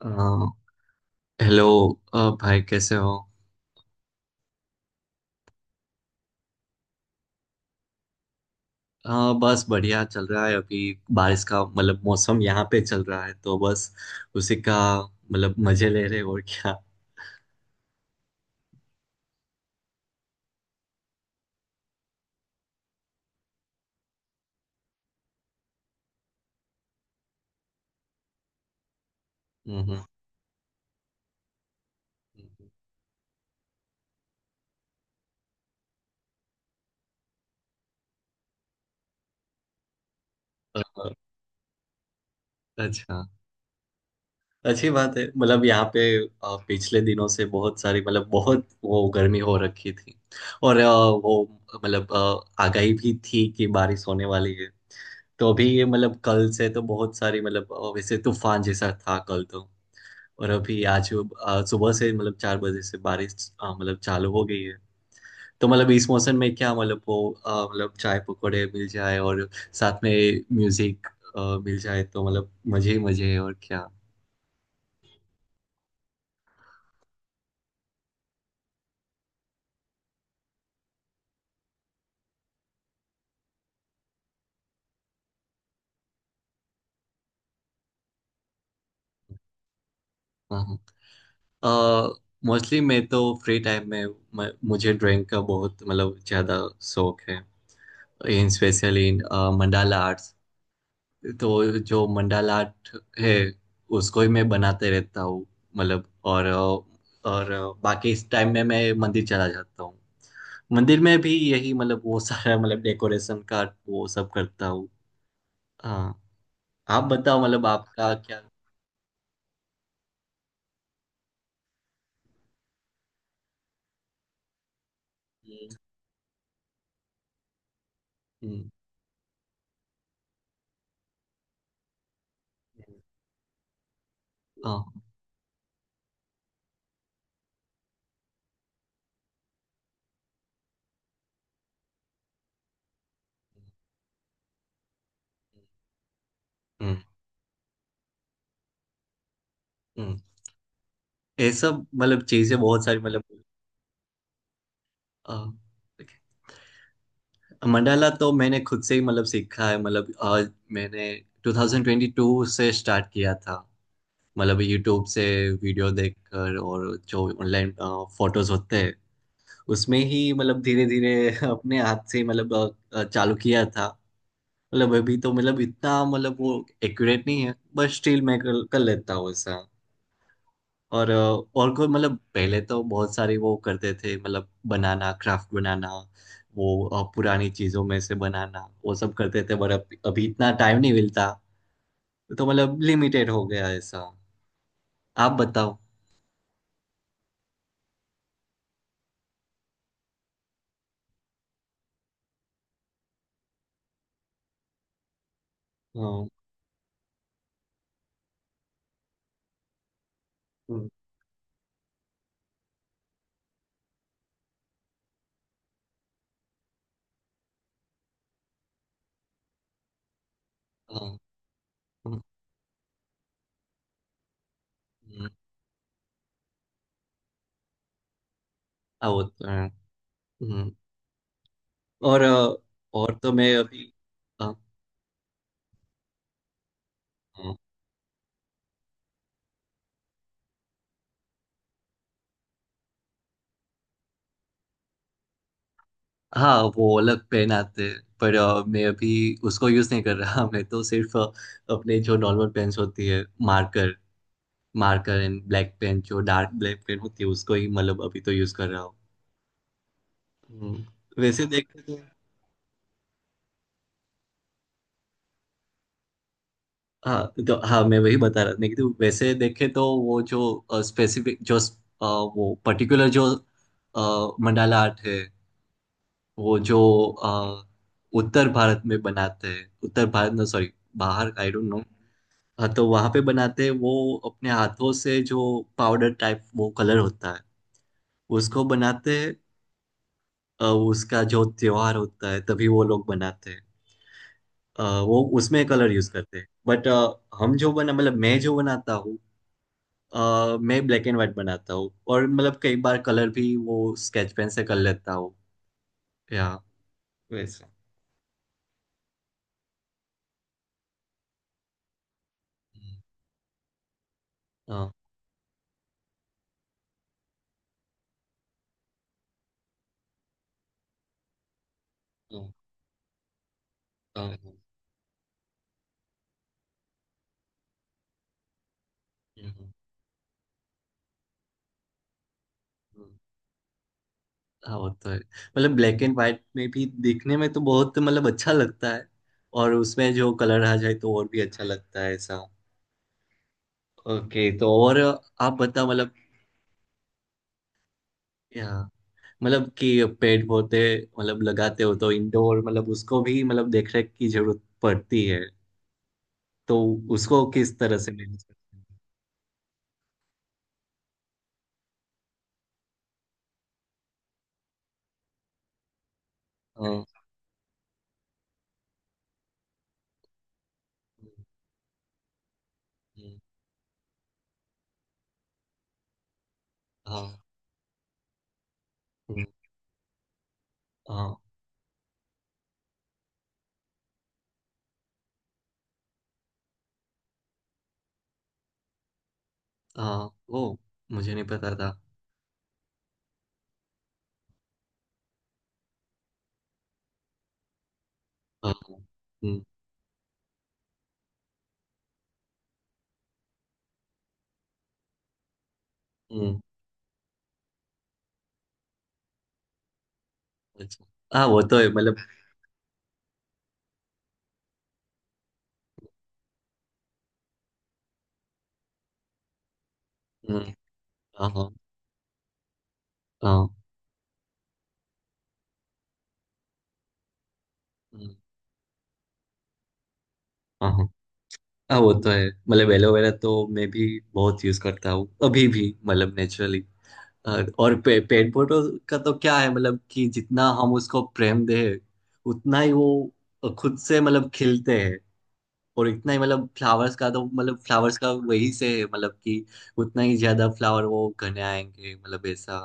अ, hello. भाई कैसे हो? अ, बस बढ़िया चल रहा है अभी। बारिश का मतलब मौसम यहाँ पे चल रहा है तो बस उसी का मतलब मजे ले रहे हैं और क्या। हम्म, हम्म। अ, अच्छा। अच्छी बात है मतलब यहाँ पे पिछले दिनों से बहुत सारी मतलब बहुत वो गर्मी हो रखी थी। और वो मतलब आगाही भी थी कि बारिश होने वाली है। तो अभी ये मतलब कल से तो बहुत सारी मतलब वैसे तूफान जैसा था कल तो। और अभी आज सुबह से मतलब 4 बजे से बारिश मतलब चालू हो गई है। तो मतलब इस मौसम में क्या मतलब वो मतलब चाय पकौड़े मिल जाए और साथ में म्यूजिक मिल जाए तो मतलब मजे ही मजे है और क्या। हाँ। मोस्टली मैं तो फ्री टाइम में मुझे ड्राइंग का बहुत मतलब ज़्यादा शौक है। इन स्पेशली इन मंडाला आर्ट्स। तो जो मंडाला आर्ट है उसको ही मैं बनाते रहता हूँ मतलब। और और बाकी इस टाइम में मैं मंदिर चला जाता हूँ। मंदिर में भी यही मतलब वो सारा मतलब डेकोरेशन का वो सब करता हूँ। हाँ। आप बताओ मतलब आपका क्या। हम्म, हम्म। हाँ। हम्म, हम्म। हम्म। ये सब मतलब चीजें बहुत सारी मतलब। अ, मंडाला तो मैंने खुद से ही मतलब सीखा है मतलब। मैंने 2022 से स्टार्ट किया था मतलब यूट्यूब से वीडियो देखकर, और जो ऑनलाइन फोटोज होते हैं उसमें ही मतलब धीरे धीरे अपने हाथ से मतलब चालू किया था। मतलब अभी तो मतलब इतना मतलब वो एक्यूरेट नहीं है बट स्टिल मैं कर लेता हूँ ऐसा। और और कोई मतलब पहले तो बहुत सारे वो करते थे मतलब बनाना क्राफ्ट बनाना। वो पुरानी चीजों में से बनाना वो सब करते थे पर अब अभी इतना टाइम नहीं मिलता। तो मतलब लिमिटेड हो गया ऐसा। आप बताओ। हाँ। हम्म, हाँ। हम्म, हम्म। हाँ, वो तो है। हम्म। और और तो मैं अभी अ, अ, हाँ, वो अलग पेन आते हैं पर मैं अभी उसको यूज नहीं कर रहा मैं तो सिर्फ अपने जो नॉर्मल पेन्स होती है। Marker. Marker and black pen जो डार्क ब्लैक पेन होती है उसको ही मतलब अभी तो यूज कर रहा हूँ। हम्म, वैसे देखे तो हाँ। तो हाँ, मैं वही बता रहा था कि तो वैसे देखे तो वो जो स्पेसिफिक जो वो पर्टिकुलर जो मंडाला आर्ट है वो जो अ, उत्तर भारत में बनाते हैं। उत्तर भारत ना, सॉरी, बाहर, आई डोंट नो। हाँ, तो वहां पे बनाते हैं वो अपने हाथों से जो पाउडर टाइप वो कलर होता है उसको बनाते हैं। उसका जो त्योहार होता है तभी वो लोग बनाते हैं। वो उसमें कलर यूज करते हैं बट हम जो बना मतलब मैं जो बनाता हूँ मैं ब्लैक एंड व्हाइट बनाता हूँ और मतलब कई बार कलर भी वो स्केच पेन से कर लेता हूँ या वैसे। हाँ, हाँ, हाँ, हाँ, हाँ। हाँ, वो तो है। मतलब ब्लैक एंड व्हाइट में भी देखने में तो बहुत मतलब अच्छा लगता है। और उसमें जो कलर आ जाए तो और भी अच्छा लगता है ऐसा। ओके। तो और आप बता मतलब यहाँ मतलब कि पेड़ पौधे मतलब लगाते हो तो इंडोर मतलब उसको भी मतलब देख रेख की जरूरत पड़ती है। तो उसको किस तरह से मैनेज करते हैं? हाँ। हम्म, हाँ। हम्म, हाँ। हाँ, वो मुझे नहीं पता था। हाँ। हम्म। हम्म, अच्छा। हाँ, वो तो है मतलब। हम्म। हाँ, हाँ, हाँ। हम्म, हाँ, हाँ। हाँ, वो तो है मतलब एलोवेरा तो मैं भी बहुत यूज करता हूँ अभी भी मतलब नेचुरली। और पेड़ पौधों का तो क्या है मतलब कि जितना हम उसको प्रेम दे उतना ही वो खुद से मतलब खिलते हैं। और इतना ही मतलब फ्लावर्स का तो मतलब फ्लावर्स का वही से है मतलब कि उतना ही ज्यादा फ्लावर वो घने आएंगे मतलब ऐसा।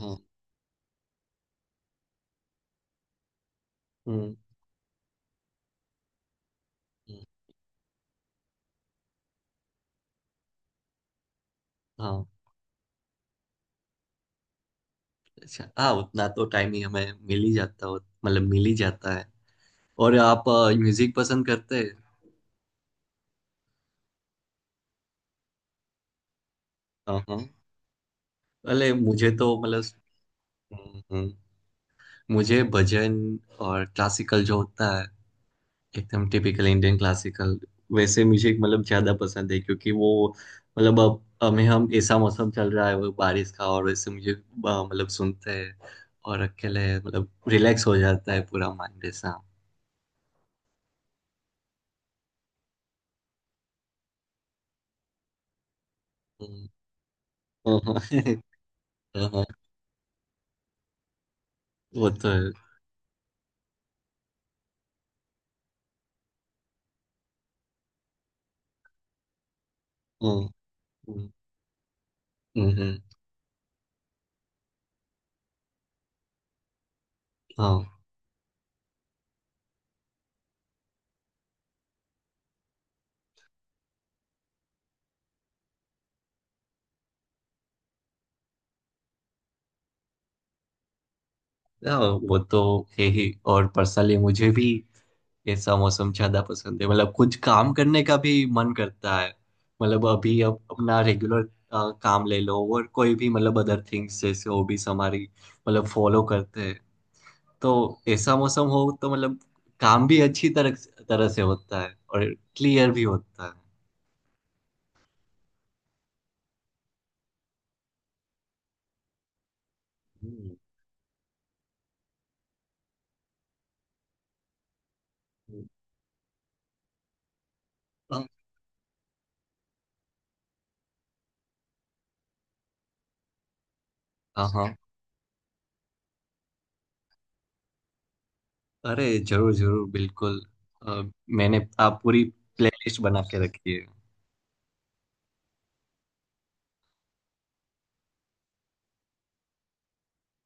हाँ। हम्म, हम्म। हाँ, अच्छा। हाँ, उतना तो टाइम ही हमें मिल ही जाता हो मतलब मिल ही जाता है। और आप म्यूजिक पसंद करते हैं? हाँ, हाँ। अरे, मुझे तो मतलब हम्म, हम्म। मुझे भजन और क्लासिकल जो होता है एकदम टिपिकल इंडियन क्लासिकल वैसे म्यूजिक मतलब ज्यादा पसंद है क्योंकि वो मतलब अब हमें हम ऐसा मौसम चल रहा है वो बारिश का और वैसे मुझे मतलब सुनते हैं और अकेले मतलब रिलैक्स हो जाता है पूरा माइंड ऐसा। हम्म, हाँ, हाँ, हाँ, हाँ, वो तो है। हम्म, हम्म, हम्म, हाँ। हाँ, वो तो है ही। और पर्सनली मुझे भी ऐसा मौसम ज्यादा पसंद है मतलब कुछ काम करने का भी मन करता है। मतलब अभी अब अपना रेगुलर काम ले लो और कोई भी मतलब अदर थिंग्स जैसे हॉबीज हमारी मतलब फॉलो करते हैं तो ऐसा मौसम हो तो मतलब काम भी अच्छी तरह तरह से होता है और क्लियर भी होता है। हम्म, हम्म। हाँ, हाँ। हाँ। अरे जरूर जरूर बिल्कुल। अ, मैंने आप पूरी प्लेलिस्ट बना के रखी है।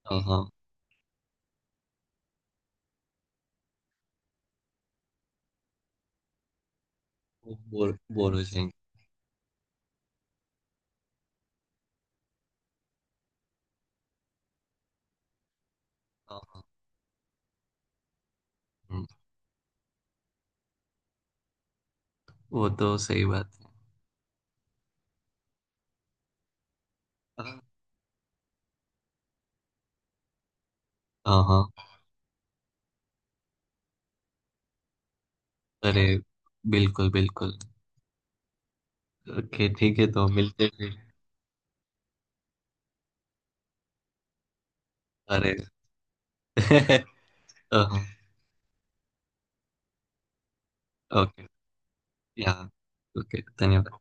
हाँ, हाँ। वो बोर बोर हो जाएंगे। हाँ, हाँ। हम्म, वो तो सही बात है। हाँ, हाँ, हाँ। अरे बिल्कुल बिल्कुल। ओके ठीक है, तो मिलते हैं फिर। अरे हाँ। ओके। या, ओके, धन्यवाद।